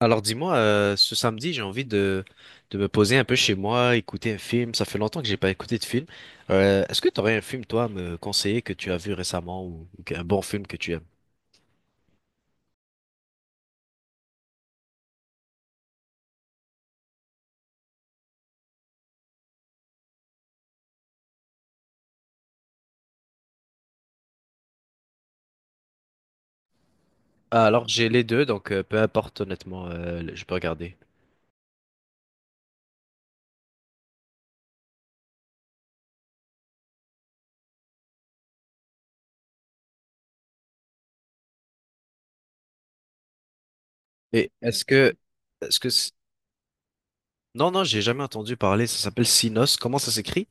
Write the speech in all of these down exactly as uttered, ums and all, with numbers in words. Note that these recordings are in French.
Alors dis-moi, euh, ce samedi, j'ai envie de, de me poser un peu chez moi, écouter un film. Ça fait longtemps que j'ai pas écouté de film. Euh, est-ce que tu aurais un film, toi, à me conseiller que tu as vu récemment ou, ou un bon film que tu aimes? Ah, Alors j'ai les deux, donc euh, peu importe honnêtement, euh, le- je peux regarder. Et est-ce que, est-ce que, c- non, non, j'ai jamais entendu parler. Ça s'appelle Sinos. Comment ça s'écrit?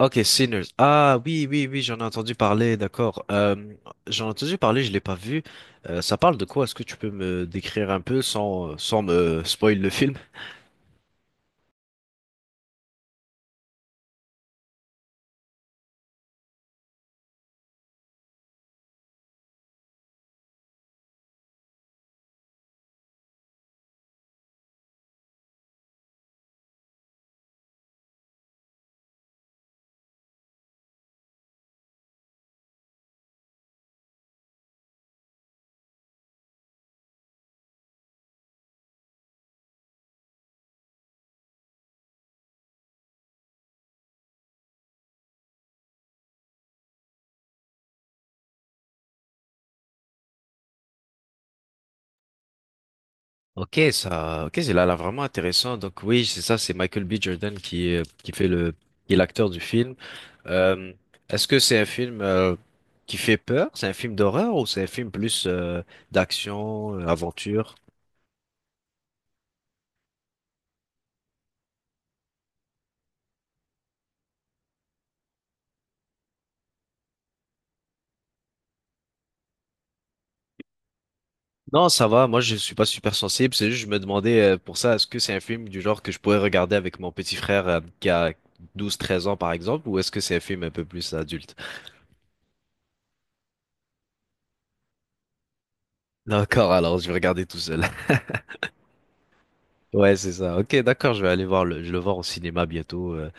Ok, Sinners. Ah, oui, oui, oui, j'en ai entendu parler, d'accord. Euh, j'en ai entendu parler, je l'ai pas vu. Euh, ça parle de quoi? Est-ce que tu peux me décrire un peu sans, sans me spoil le film? Ok, ça, ok, c'est là, là vraiment intéressant. Donc oui, c'est ça, c'est Michael B. Jordan qui, est- qui fait le, qui est l'acteur du film. Euh, Est-ce que c'est un film euh, qui fait peur? C'est un film d'horreur ou c'est un film plus euh, d'action, euh, aventure? Non, ça va. Moi, je suis pas super sensible. C'est juste, je me demandais euh, pour ça, est-ce que c'est un film du genre que je pourrais regarder avec mon petit frère euh, qui a douze, treize ans, par exemple, ou est-ce que c'est un film un peu plus adulte? D'accord, alors je vais regarder tout seul. Ouais, c'est ça. Ok, d'accord, je vais aller voir le, je vais le voir au cinéma bientôt. euh.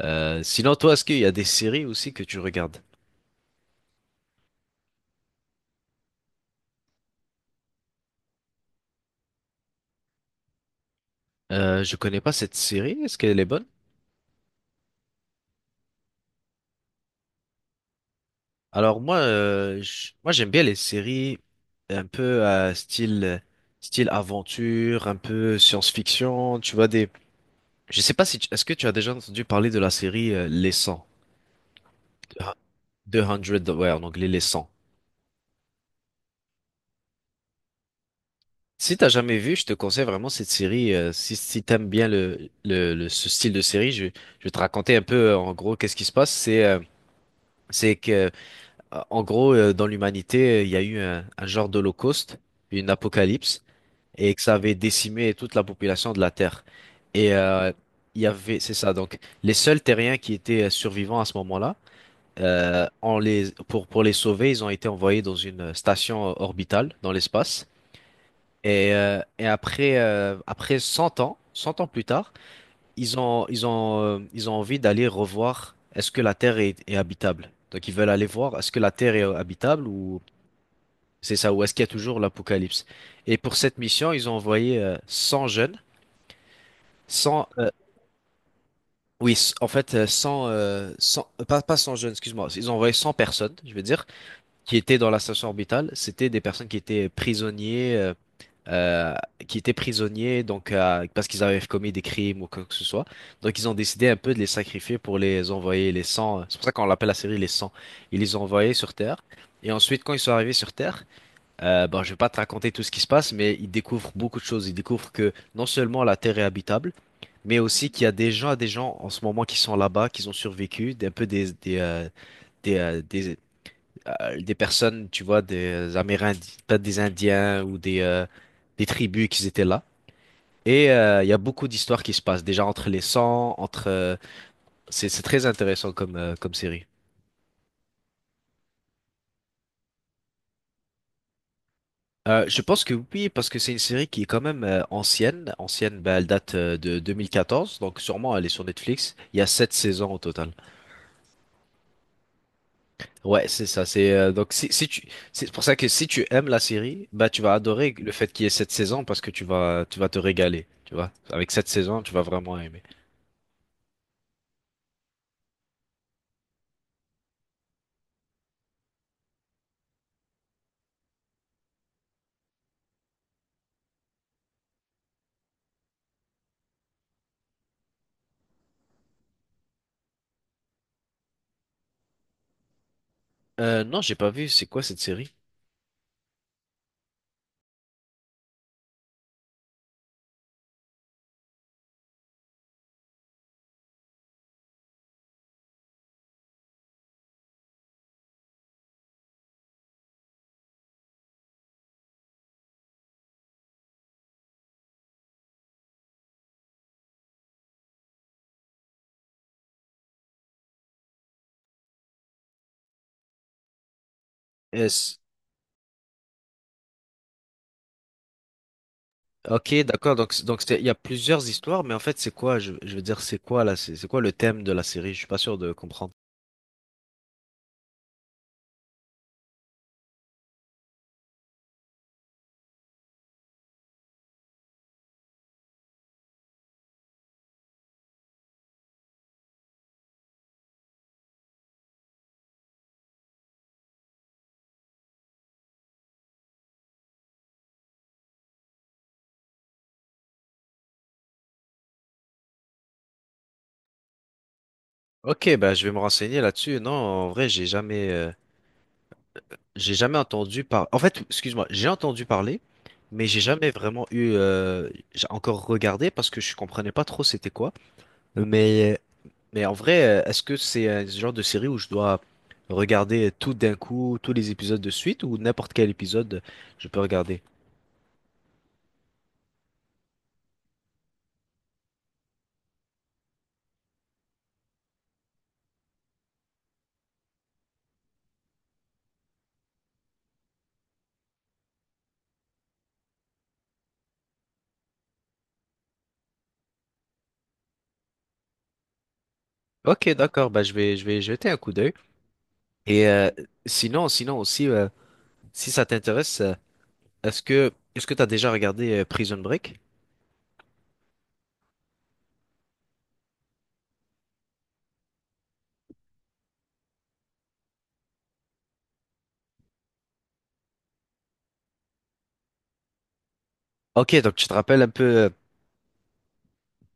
Euh, sinon, toi, est-ce qu'il y a des séries aussi que tu regardes? Euh, je connais pas cette série. Est-ce qu'elle est bonne? Alors moi, euh, j- moi j'aime bien les séries un peu euh, style style aventure, un peu science-fiction. Tu vois des Je sais pas si tu- est-ce que tu as déjà entendu parler de la série euh, Les cent, deux cents, ouais, en anglais Les Cent. Si t'as jamais vu, je te conseille vraiment cette série. euh, si si t'aimes bien le, le, le- ce style de série, je, je vais te raconter un peu euh, en gros qu'est-ce qui se passe. C'est euh, c'est que euh, en gros euh, dans l'humanité euh, il y a eu un, un genre d'holocauste, une apocalypse, et que ça avait décimé toute la population de la Terre. Et, euh, il y avait, c'est ça. Donc les seuls terriens qui étaient euh, survivants à ce moment-là, Euh, on les, pour, pour les sauver, ils ont été envoyés dans une station orbitale dans l'espace. Et, euh, et après, euh, après cent ans, cent ans plus tard, ils ont, ils ont, euh, ils ont envie d'aller revoir est-ce que la Terre est, est habitable. Donc ils veulent aller voir est-ce que la Terre est habitable ou c'est ça, ou est-ce qu'il y a toujours l'apocalypse. Et pour cette mission, ils ont envoyé euh, cent jeunes, cent, euh, oui, c- en fait, euh, cent, euh, cent pas, pas cent jeunes, excuse-moi, ils ont envoyé cent personnes, je veux dire. qui étaient dans la station orbitale, c'était des personnes qui étaient prisonniers, euh, euh, qui étaient prisonniers donc à- parce qu'ils avaient commis des crimes ou quoi que ce soit. Donc ils ont décidé un peu de les sacrifier pour les envoyer les cent. C'est pour ça qu'on l'appelle la série les cent. Ils les ont envoyés sur Terre. Et ensuite, quand ils sont arrivés sur Terre, euh, bon, je vais pas te raconter tout ce qui se passe, mais ils découvrent beaucoup de choses. Ils découvrent que non seulement la Terre est habitable, mais aussi qu'il y a des gens, des gens en ce moment qui sont là-bas, qui ont survécu, un peu des, des, euh, des, euh, des, euh, des personnes, tu vois, des Amérindiens, pas des Indiens ou des, euh, des tribus qui étaient là. Et euh, il y a beaucoup d'histoires qui se passent déjà entre les sangs, entre. Euh, c'est c'est très intéressant comme euh, comme série. Euh, je pense que oui, parce que c'est une série qui est quand même euh, ancienne. Ancienne, ben, elle date euh, de deux mille quatorze, donc sûrement elle est sur Netflix. Il y a sept saisons au total. Ouais, c'est ça. C'est euh, donc si, si tu c'est pour ça que si tu aimes la série, bah tu vas adorer le fait qu'il y ait cette saison parce que tu vas tu vas te régaler, tu vois. Avec cette saison, tu vas vraiment aimer. Euh, non, j'ai pas vu. C'est quoi cette série? Euh, c- ok, d'accord. Donc c- donc c'est- il y a plusieurs histoires, mais en fait c'est quoi? Je, je veux dire c'est quoi là? C'est c'est quoi le thème de la série? Je suis pas sûr de comprendre. Ok, bah je vais me renseigner là-dessus. Non, en vrai, j'ai jamais. euh, J'ai jamais entendu par... En fait, excuse-moi, j'ai entendu parler, mais j'ai jamais vraiment eu... euh, J'ai encore regardé parce que je comprenais pas trop c'était quoi. Mais, mais en vrai, euh, est-ce que c'est euh, ce genre de série où je dois regarder tout d'un coup, tous les épisodes de suite, ou n'importe quel épisode, je peux regarder? Ok, d'accord, bah je vais, je vais jeter un coup d'œil. Et euh, sinon, sinon aussi, euh, si ça t'intéresse, euh, est-ce que, est-ce que t'as déjà regardé euh, Prison Break? Ok, donc tu te rappelles un peu euh,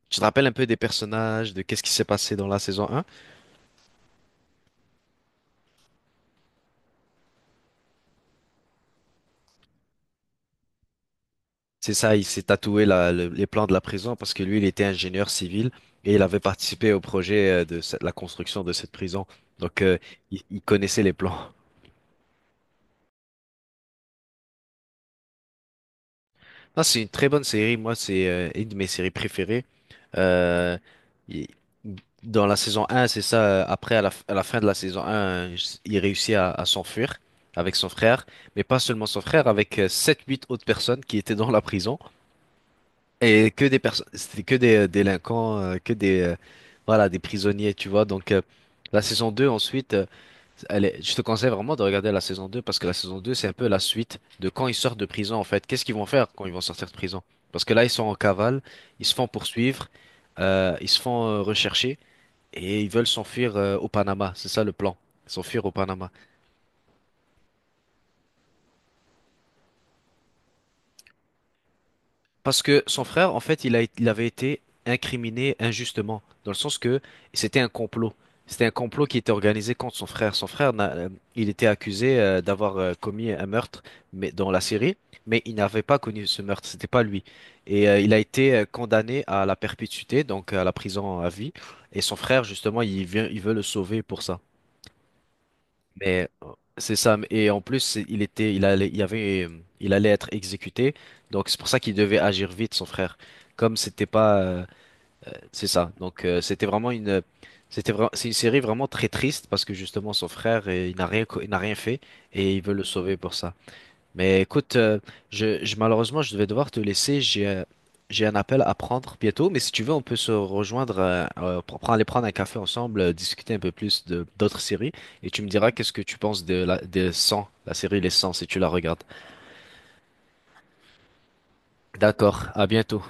Tu te rappelles un peu des personnages, de qu'est-ce qui s'est passé dans la saison un. C'est ça, il s'est tatoué la- le- les plans de la prison parce que lui, il était ingénieur civil et il avait participé au projet euh, de cette- la construction de cette prison. Donc, euh, il, il connaissait les plans. Non, c'est une très bonne série. Moi, c'est euh, une de mes séries préférées. Euh, il- Dans la saison un, c'est ça. euh, Après, à la, f- à la fin de la saison un, euh, il réussit à, à s'enfuir avec son frère, mais pas seulement son frère, avec euh, sept, huit autres personnes qui étaient dans la prison. Et que des personnes, c'était que des euh, délinquants, euh, que des, euh, voilà, des prisonniers, tu vois. Donc, euh, la saison deux ensuite, euh, elle est, je te conseille vraiment de regarder la saison deux parce que la saison deux c'est un peu la suite de quand ils sortent de prison, en fait. Qu'est-ce qu'ils vont faire quand ils vont sortir de prison? Parce que là, ils sont en cavale, ils se font poursuivre, euh, ils se font euh, rechercher et ils veulent s'enfuir euh, au Panama. C'est ça le plan, s'enfuir au Panama. Parce que son frère, en fait, il a, il avait été incriminé injustement, dans le sens que c'était un complot. C'était un complot qui était organisé contre son frère. Son frère, n'a- euh, il était accusé euh, d'avoir euh, commis un meurtre mais, dans la série, mais il n'avait pas connu ce meurtre, c'était pas lui. Et euh, il a été euh, condamné à la perpétuité, donc à la prison à vie. Et son frère, justement, il vient, il veut le sauver pour ça. Mais euh, c'est ça. Et en plus, c'est- il était, il allait, il y avait, euh, il allait être exécuté. Donc c'est pour ça qu'il devait agir vite, son frère. Comme c'était pas, euh, c'est ça. Donc euh, c'était vraiment une, c'était vraiment, c'est une série vraiment très triste parce que justement son frère, euh, il n'a rien, co- il n'a rien fait et il veut le sauver pour ça. Mais écoute, euh, je, je- malheureusement, je devais devoir te laisser. J'ai, euh, j'ai un appel à prendre bientôt, mais si tu veux, on peut se rejoindre, euh, euh, pour prendre, aller prendre un café ensemble, euh, discuter un peu plus de d'autres séries, et tu me diras qu'est-ce que tu penses de la, des cent, la série Les cent, si tu la regardes. D'accord, à bientôt.